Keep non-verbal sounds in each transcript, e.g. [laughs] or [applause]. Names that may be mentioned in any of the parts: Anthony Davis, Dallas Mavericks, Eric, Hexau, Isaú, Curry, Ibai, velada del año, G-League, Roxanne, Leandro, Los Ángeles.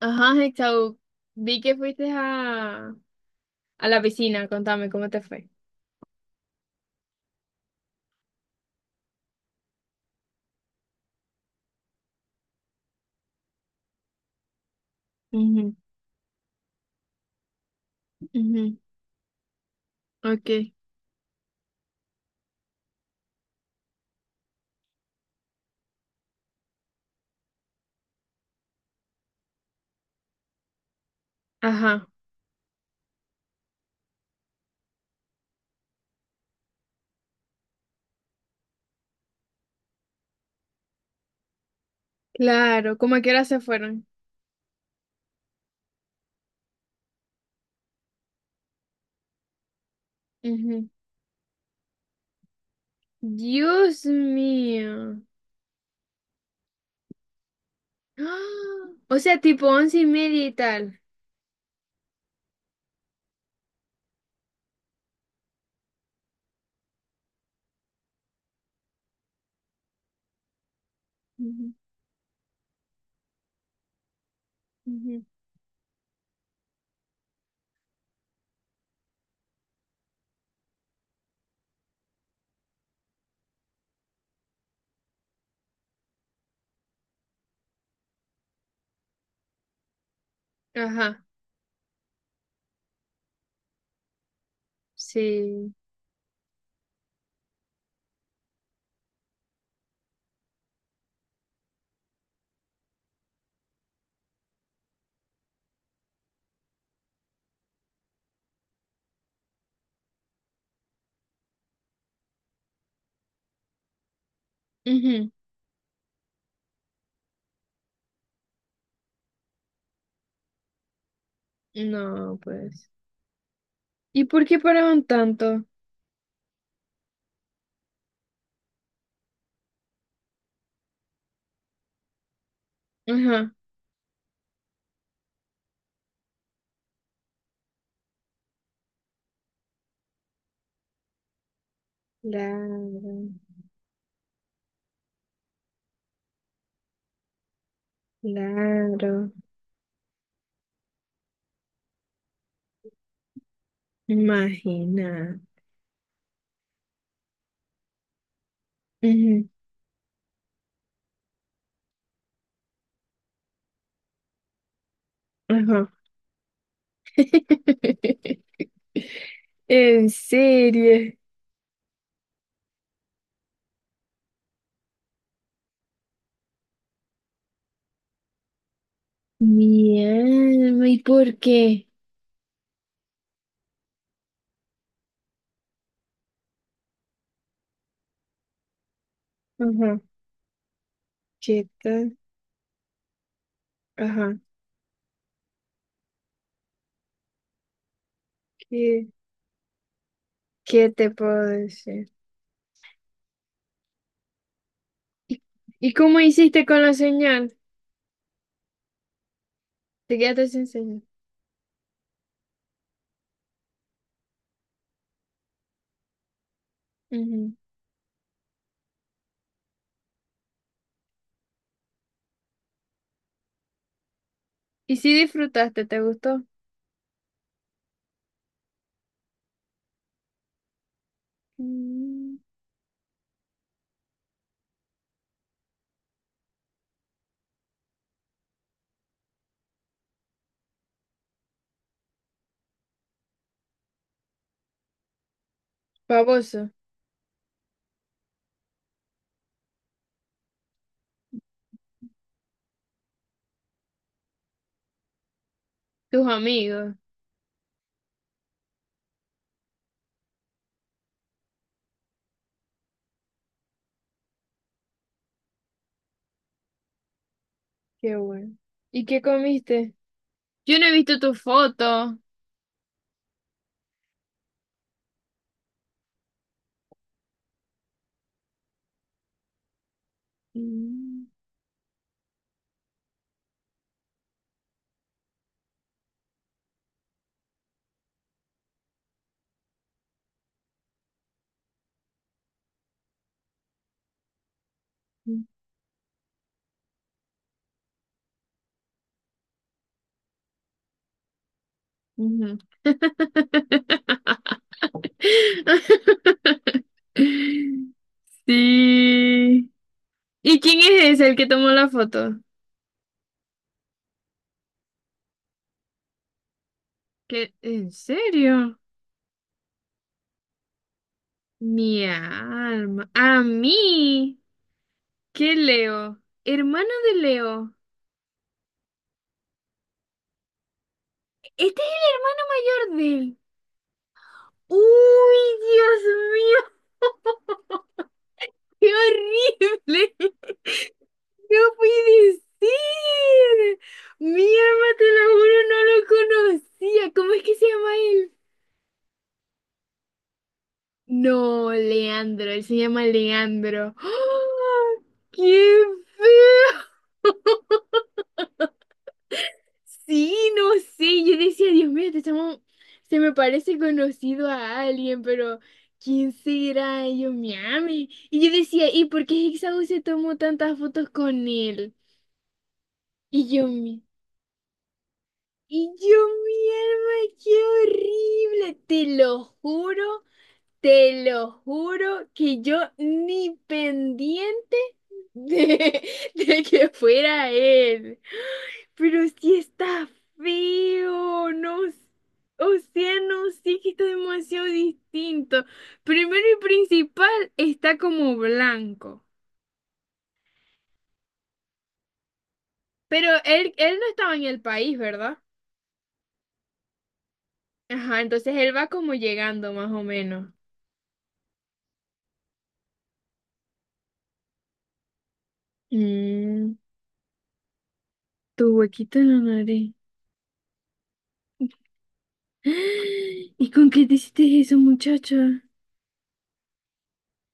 Ajá, Hexau, vi que fuiste a la piscina, contame cómo te fue. Ujú, ujú. Ok. Ajá, claro, ¿cómo a qué hora se fueron? Ujú. Dios mío. [gasps] ¡Ah! O sea, tipo once y media y tal. Ujú, ujú. Ajá, sí. Ujú. No, pues. ¿Y por qué paraban tanto? Ajá. Claro, claro. Imagina. Ujú, ajá. [laughs] En serio. Mi alma, ¿y por qué? Ajá. ¿Qué tal? Ajá. ¿Qué, qué te puedo decir? ¿Y, y cómo hiciste con la señal? Te quedaste sin señal. Ujú. ¿Y si disfrutaste? ¿Te gustó? Mm, famoso. Tus amigos. Qué bueno. ¿Y qué comiste? Yo no he visto tu foto. Mm, ujú. [laughs] Sí. ¿Y quién es ese el que tomó la foto? ¿Qué? ¿En serio? Mi alma. A mí. ¿Qué Leo? Hermano de Leo. Este es el hermano mayor de él. Uy, Dios mío, [laughs] qué horrible. No puede ser. Mi alma, te lo juro, no lo conocía. ¿Cómo es que se llama él? No, Leandro, él se llama Leandro. ¡Ah! ¡Qué feo! Sí, no sé, yo decía, Dios mío, este chamo se me parece conocido a alguien, pero ¿quién será? Y yo me ame. Y yo decía, ¿y por qué Hexau se tomó tantas fotos con él? Y yo, mi, y yo, mi alma, qué horrible, te lo juro. Te lo juro que yo ni pendiente de, [laughs] de que fuera él. Pero sí está feo, no, s- o sea, no sé que está demasiado distinto. Primero y principal, está como blanco. Pero él no estaba en el país, ¿verdad? Ajá, entonces él va como llegando más o menos. Mm, tu huequito en la nariz. ¿Y con qué te hiciste eso, muchacha?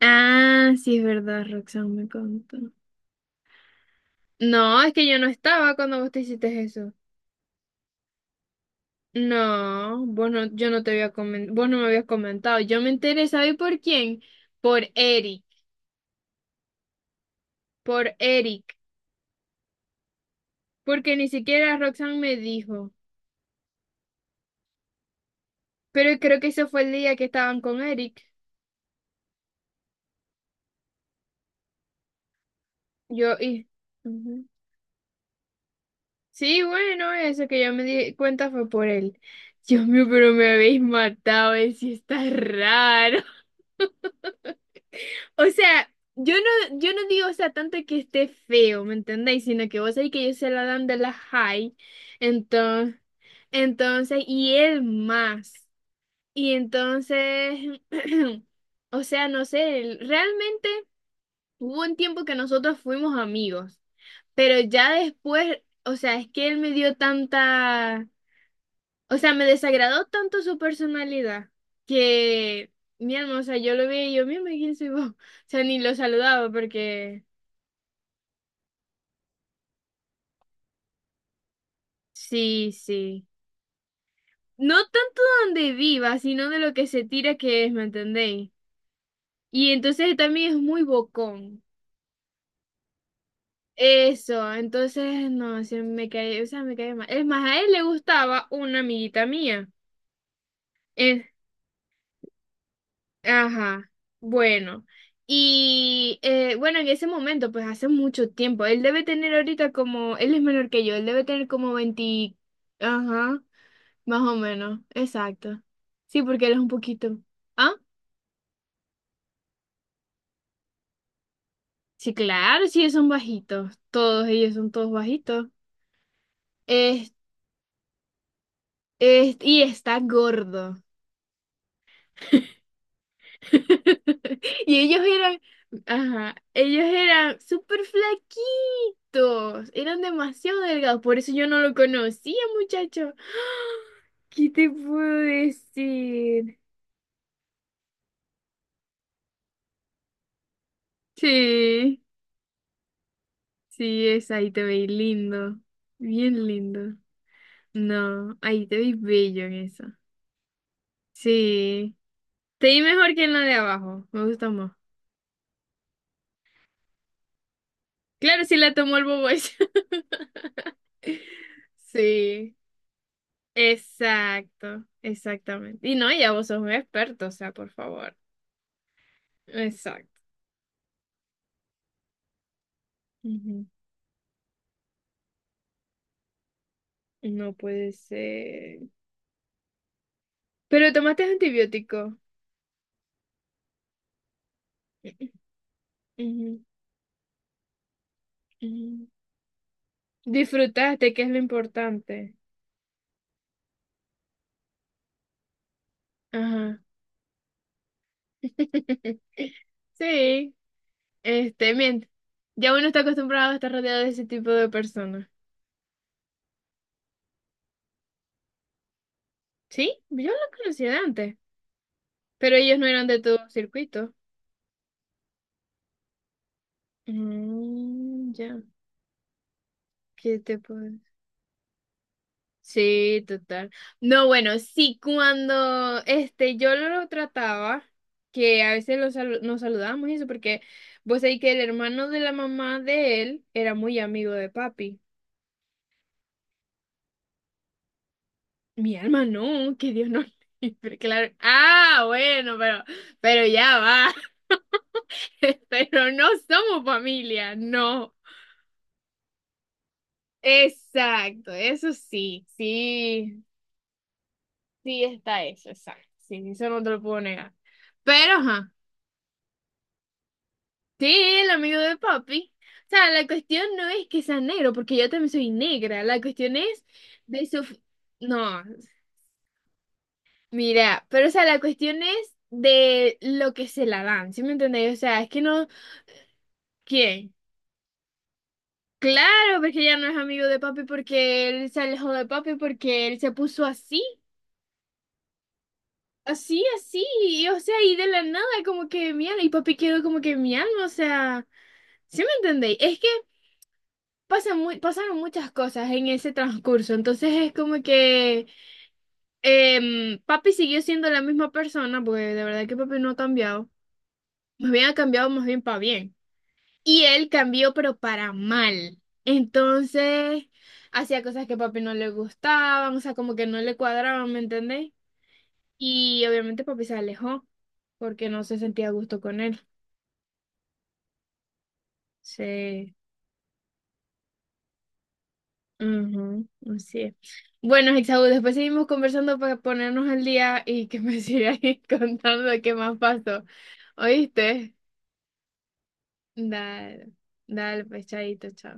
Ah, sí, es verdad, Roxanne me contó. No, es que yo no estaba cuando vos te hiciste eso. No, vos no, yo no te había comen- vos no me habías comentado. Yo me enteré, ¿sabes por quién? Por Eric, por Eric, porque ni siquiera Roxanne me dijo. Pero creo que ese fue el día que estaban con Eric. Yo y... Ujú. Sí, bueno, eso que yo me di cuenta fue por él. Dios mío, pero me habéis matado, si está raro. [laughs] O sea, yo no, yo no digo, o sea, tanto que esté feo, ¿me entendéis? Sino que vos sabéis que ellos se la dan de la high, entonces, entonces, y él más. Y entonces, [clears throat] o sea, no sé, él- realmente hubo un tiempo que nosotros fuimos amigos, pero ya después, o sea, es que él me dio tanta. O sea, me desagradó tanto su personalidad que, mi alma, o sea, yo lo vi y yo, mira, ¿quién soy vos? [laughs] O sea, ni lo saludaba porque, sí, sí. No tanto donde viva, sino de lo que se tira que es, ¿me entendéis? Y entonces también es muy bocón. Eso, entonces, no, se me cae, o sea, me cae mal. Es más, a él le gustaba una amiguita mía. Ajá, bueno. Y bueno, en ese momento, pues hace mucho tiempo, él debe tener ahorita como, él es menor que yo, él debe tener como 20, ajá, más o menos, exacto. Sí, porque él es un poquito. ¿Ah? Sí, claro, sí, ellos son bajitos, todos ellos son todos bajitos. Es, es, y está gordo. [laughs] Y ellos eran, ajá, ellos eran súper flaquitos, eran demasiado delgados, por eso yo no lo conocía, muchacho. [gasps] ¿Qué te puedo decir? Sí, sí, es ahí te veis lindo, bien lindo. No, ahí te veis bello en eso. Sí, te vi mejor que en la de abajo, me gusta más. Claro, sí la tomó el bobo ese. [laughs] Sí. Exacto, exactamente. Y no, ya vos sos un experto, o sea, por favor. Exacto. Ujú. No puede ser. Pero tomaste antibiótico. [clears throat] Ujú, ujú. Disfrutaste, que es lo importante. Ajá. [laughs] Sí, este, bien. Ya uno está acostumbrado a estar rodeado de ese tipo de personas. Sí, yo lo conocía antes, pero ellos no eran de tu circuito. Mm, ya, ¿qué te puedo? Sí, total. No, bueno, sí, cuando este, yo lo trataba, que a veces lo salu- nos saludábamos y eso, porque vos sabés que el hermano de la mamá de él era muy amigo de papi. Mi alma no, que Dios no [laughs] libre, claro. Ah, bueno, pero ya va. [laughs] Pero no somos familia, no. Exacto, eso sí, sí, sí está eso, exacto. Sí, eso no te lo puedo negar. Pero, ajá. Sí, el amigo de papi. O sea, la cuestión no es que sea negro, porque yo también soy negra. La cuestión es de su... No, mira, pero o sea, la cuestión es de lo que se la dan, ¿sí me entendéis? O sea, es que no... ¿Quién? Claro, porque ya no es amigo de papi porque él se alejó de papi porque él se puso así, así, así, y, o sea, y de la nada como que mi alma, y papi quedó como que mi alma, o sea, ¿sí me entendéis? Es que pasan mu- pasaron muchas cosas en ese transcurso, entonces es como que papi siguió siendo la misma persona, porque de verdad que papi no ha cambiado, más bien ha cambiado más bien para bien, y él cambió pero para mal, entonces hacía cosas que a papi no le gustaban, o sea, como que no le cuadraban, ¿me entendéis? Y obviamente papi se alejó, porque no se sentía a gusto con él, sí. Ujú, así es. Bueno, Isaú, después seguimos conversando para ponernos al día y que me [laughs] sigas contando qué más pasó. ¿Oíste? Dale, dale, pues chaito, chao.